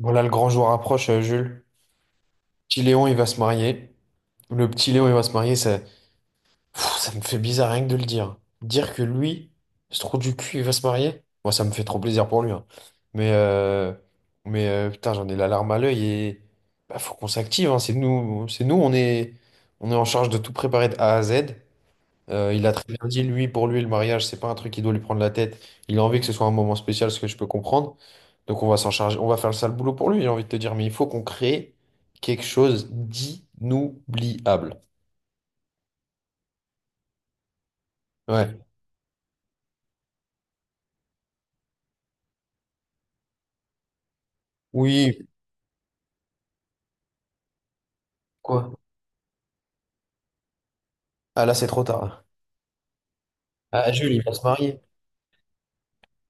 Bon, là, le grand jour approche, Jules. Petit Léon, il va se marier. Le petit Léon, il va se marier, ça, ça me fait bizarre rien que de le dire. Dire que lui, ce trou du cul, il va se marier, moi, ça me fait trop plaisir pour lui, hein. Mais, euh, mais putain, j'en ai la larme à l'œil et bah, faut qu'on s'active, hein. C'est nous, on est en charge de tout préparer de A à Z. Il a très bien dit, lui, pour lui, le mariage, c'est pas un truc qui doit lui prendre la tête. Il a envie que ce soit un moment spécial, ce que je peux comprendre. Donc on va s'en charger, on va faire le sale boulot pour lui, j'ai envie de te dire, mais il faut qu'on crée quelque chose d'inoubliable. Ouais. Oui. Quoi? Ah là, c'est trop tard. Ah, Jules, il va se marier.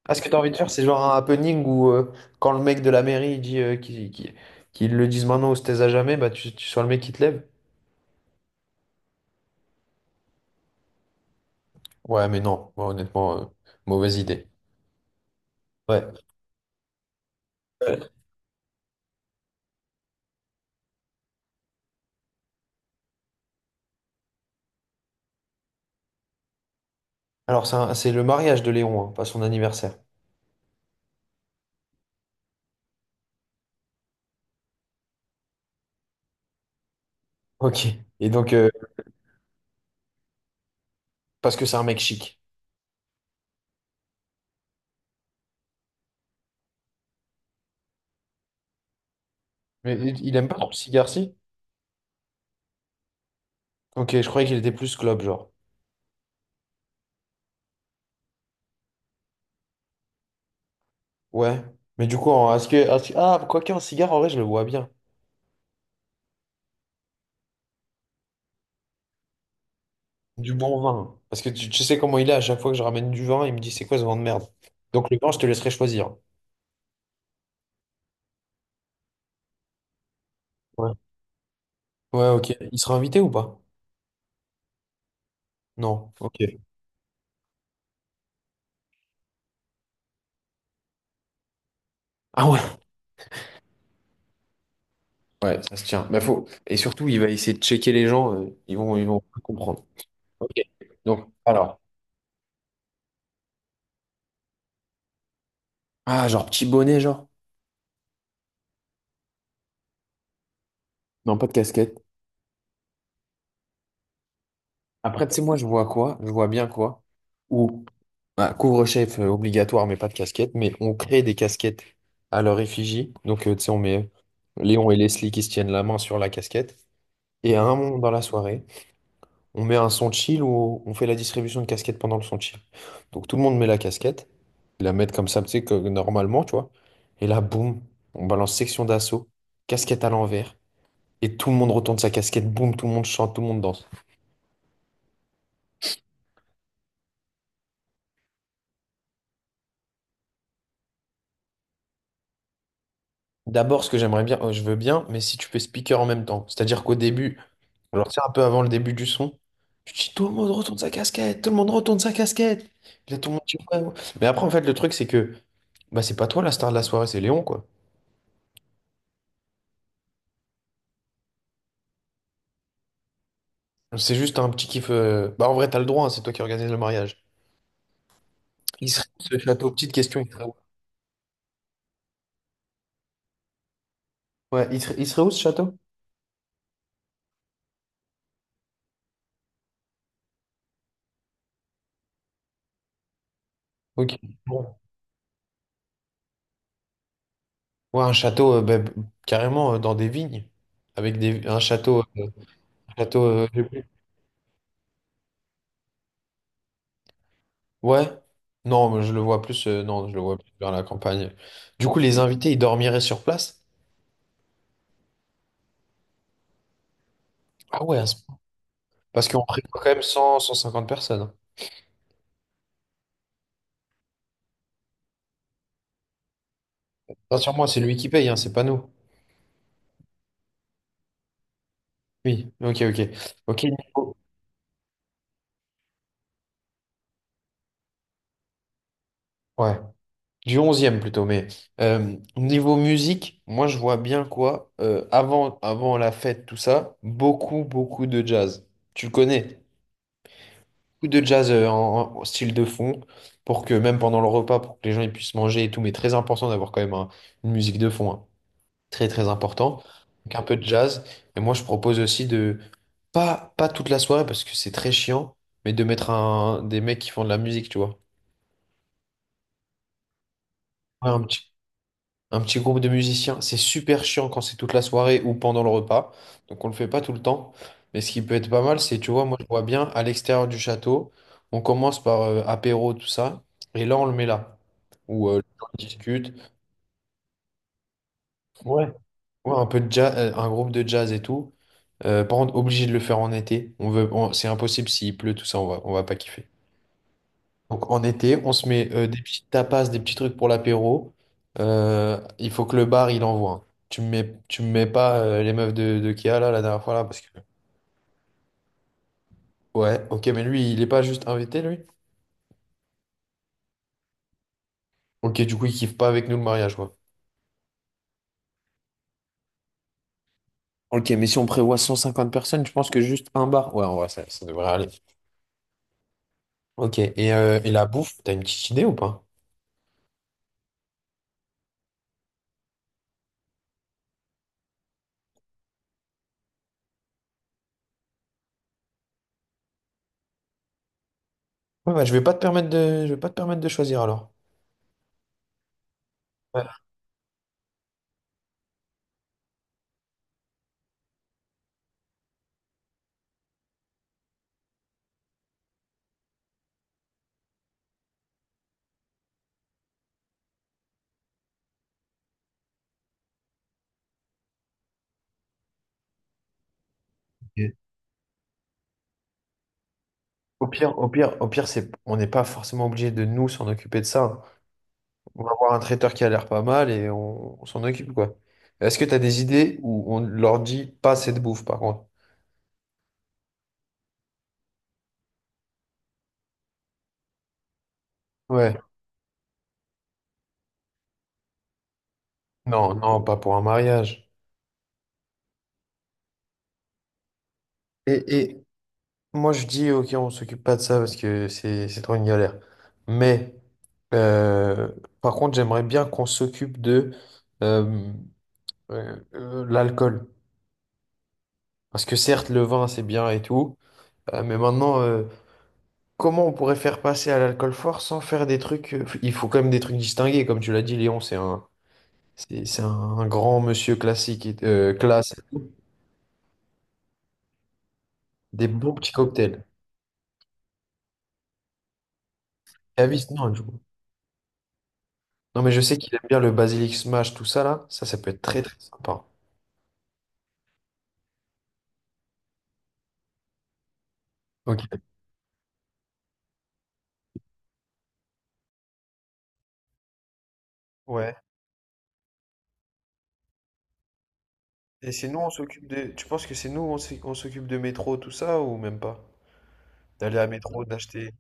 Ah, ce que tu as envie de faire, c'est genre un happening où quand le mec de la mairie il dit qu'ils le disent maintenant ou se taise à jamais, bah tu sois le mec qui te lève. Ouais, mais non, moi, honnêtement, mauvaise idée. Ouais. Euh, Alors, c'est le mariage de Léon, hein, pas son anniversaire. Ok. Et donc, parce que c'est un mec chic. Mais il aime pas trop le cigare, si. Ok, je croyais qu'il était plus club, genre. Ouais. Mais du coup, Ah, quoique en cigare, en vrai, je le vois bien. Du bon vin. Parce que tu sais comment il est, à chaque fois que je ramène du vin, il me dit, c'est quoi ce vin de merde? Donc le vin, je te laisserai choisir. Ouais. Ouais, ok. Il sera invité ou pas? Non. Ok. Ah ouais. Ouais, ça se tient. Bah, faut... Et surtout, il va essayer de checker les gens, ils vont pas comprendre. Ok. Donc, alors. Ah, genre petit bonnet, genre. Non, pas de casquette. Après, tu sais, moi, je vois quoi? Je vois bien quoi? Ou ah, couvre-chef obligatoire, mais pas de casquette. Mais on crée des casquettes à leur effigie. Donc, tu sais, on met Léon et Leslie qui se tiennent la main sur la casquette. Et à un moment dans la soirée, on met un son chill où on fait la distribution de casquettes pendant le son chill. Donc, tout le monde met la casquette. Ils la mettent comme ça, tu sais, que normalement, tu vois. Et là, boum, on balance section d'assaut, casquette à l'envers. Et tout le monde retourne sa casquette, boum, tout le monde chante, tout le monde danse. D'abord, ce que j'aimerais bien, je veux bien, mais si tu fais speaker en même temps. C'est-à-dire qu'au début, genre, tu sais, un peu avant le début du son. Je dis, tout le monde retourne sa casquette, tout le monde retourne sa casquette. Puis là, tout le monde dit, ouais, ouais. Mais après, en fait, le truc, c'est que bah, c'est pas toi la star de la soirée, c'est Léon, quoi. C'est juste un petit kiff. Bah, en vrai, t'as le droit, hein, c'est toi qui organise le mariage. Il serait où ce château? Petite question, il serait où? Ouais, il serait où ce château? Ok. Bon. Ouais, un château, carrément dans des vignes. Avec un château. Château euh, Ouais. Non, mais je le vois plus. Non, je le vois plus vers la campagne. Du coup, les invités, ils dormiraient sur place? Ah ouais, parce qu'on prévoit quand même cent 150 personnes, hein. Rassure-moi, c'est lui qui paye, hein, c'est pas nous. Oui, ok, ok. Ok, ouais. Du onzième plutôt, mais niveau musique, moi je vois bien quoi, avant la fête, tout ça, beaucoup, beaucoup de jazz. Tu le connais? Beaucoup de jazz en style de fond, pour que même pendant le repas, pour que les gens ils puissent manger et tout, mais très important d'avoir quand même une musique de fond, hein. Très très important, avec un peu de jazz. Et moi, je propose aussi de, pas toute la soirée parce que c'est très chiant, mais de mettre des mecs qui font de la musique, tu vois. Ouais, un petit groupe de musiciens, c'est super chiant quand c'est toute la soirée ou pendant le repas, donc on le fait pas tout le temps. Mais ce qui peut être pas mal, c'est, tu vois, moi je vois bien à l'extérieur du château, on commence par apéro, tout ça, et là on le met là, où on discute. Ouais. Ouais, un peu de jazz, un groupe de jazz et tout. Par contre, obligé de le faire en été. C'est impossible s'il pleut, tout ça, on va pas kiffer. Donc en été, on se met des petits tapas, des petits trucs pour l'apéro. Il faut que le bar, il envoie, hein. Tu me mets pas les meufs de Kia là, la dernière fois là, parce que. Ouais, ok, mais lui, il est pas juste invité, lui? Ok, du coup, il kiffe pas avec nous le mariage, quoi. Ok, mais si on prévoit 150 personnes, je pense que juste un bar. Ouais, en vrai, ça devrait aller. Ok, et la bouffe, t'as une petite idée ou pas? Ouais, bah, je vais pas te permettre de choisir alors. Ouais. Ok. Au pire, au pire, au pire, c'est, on n'est pas forcément obligé de nous s'en occuper de ça. On va avoir un traiteur qui a l'air pas mal et on s'en occupe quoi. Est-ce que tu as des idées où on leur dit pas cette bouffe par contre? Ouais. Non, non, pas pour un mariage. Et moi je dis ok, on s'occupe pas de ça parce que c'est trop une galère. Mais euh, par contre, j'aimerais bien qu'on s'occupe de euh, l'alcool. Parce que certes, le vin, c'est bien et tout, mais maintenant, comment on pourrait faire passer à l'alcool fort sans faire des trucs... Il faut quand même des trucs distingués, comme tu l'as dit, Léon, c'est un, c'est un grand monsieur classique, et classe, et tout. Des bons petits cocktails. Cavis, non, du coup. Non, mais je sais qu'il aime bien le basilic smash, tout ça, là. Ça peut être très, très sympa. Ok. Ouais. Et c'est nous, on s'occupe de... Tu penses que c'est nous, on s'occupe de métro, tout ça, ou même pas? D'aller à métro, d'acheter...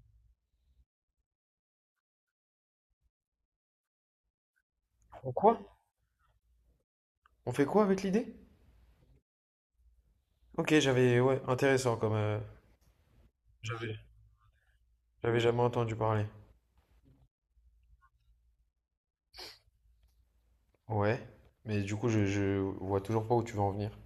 On quoi? On fait quoi avec l'idée? Ok, j'avais... Ouais, intéressant comme... J'avais, j'avais jamais entendu parler. Ouais, mais du coup, je vois toujours pas où tu veux en venir.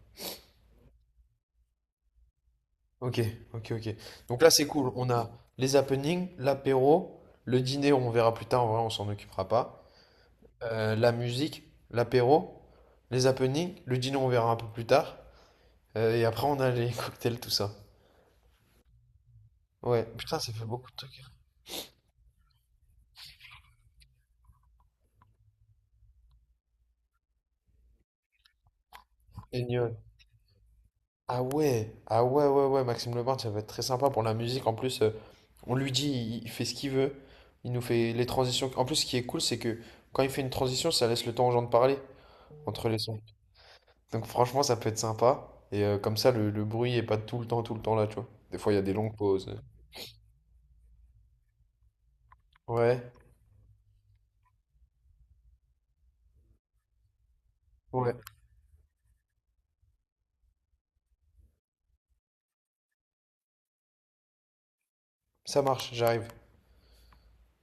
Ok, ok, ok. Donc là, c'est cool. On a les happenings, l'apéro, le dîner, on verra plus tard. En vrai, on s'en occupera pas. La musique, l'apéro, les happenings, le dîner, on verra un peu plus tard. Et après, on a les cocktails, tout ça. Ouais, putain, ça fait beaucoup de trucs. Génial. Ah ouais, ah ouais, ouais, ouais, Maxime Leborgne, ça va être très sympa pour la musique. En plus, on lui dit, il fait ce qu'il veut. Il nous fait les transitions. En plus, ce qui est cool, c'est que quand il fait une transition, ça laisse le temps aux gens de parler entre les sons. Donc franchement, ça peut être sympa. Et comme ça, le bruit est pas tout le temps, tout le temps là, tu vois. Des fois, il y a des longues pauses. Ouais, ouais, ça marche, j'arrive.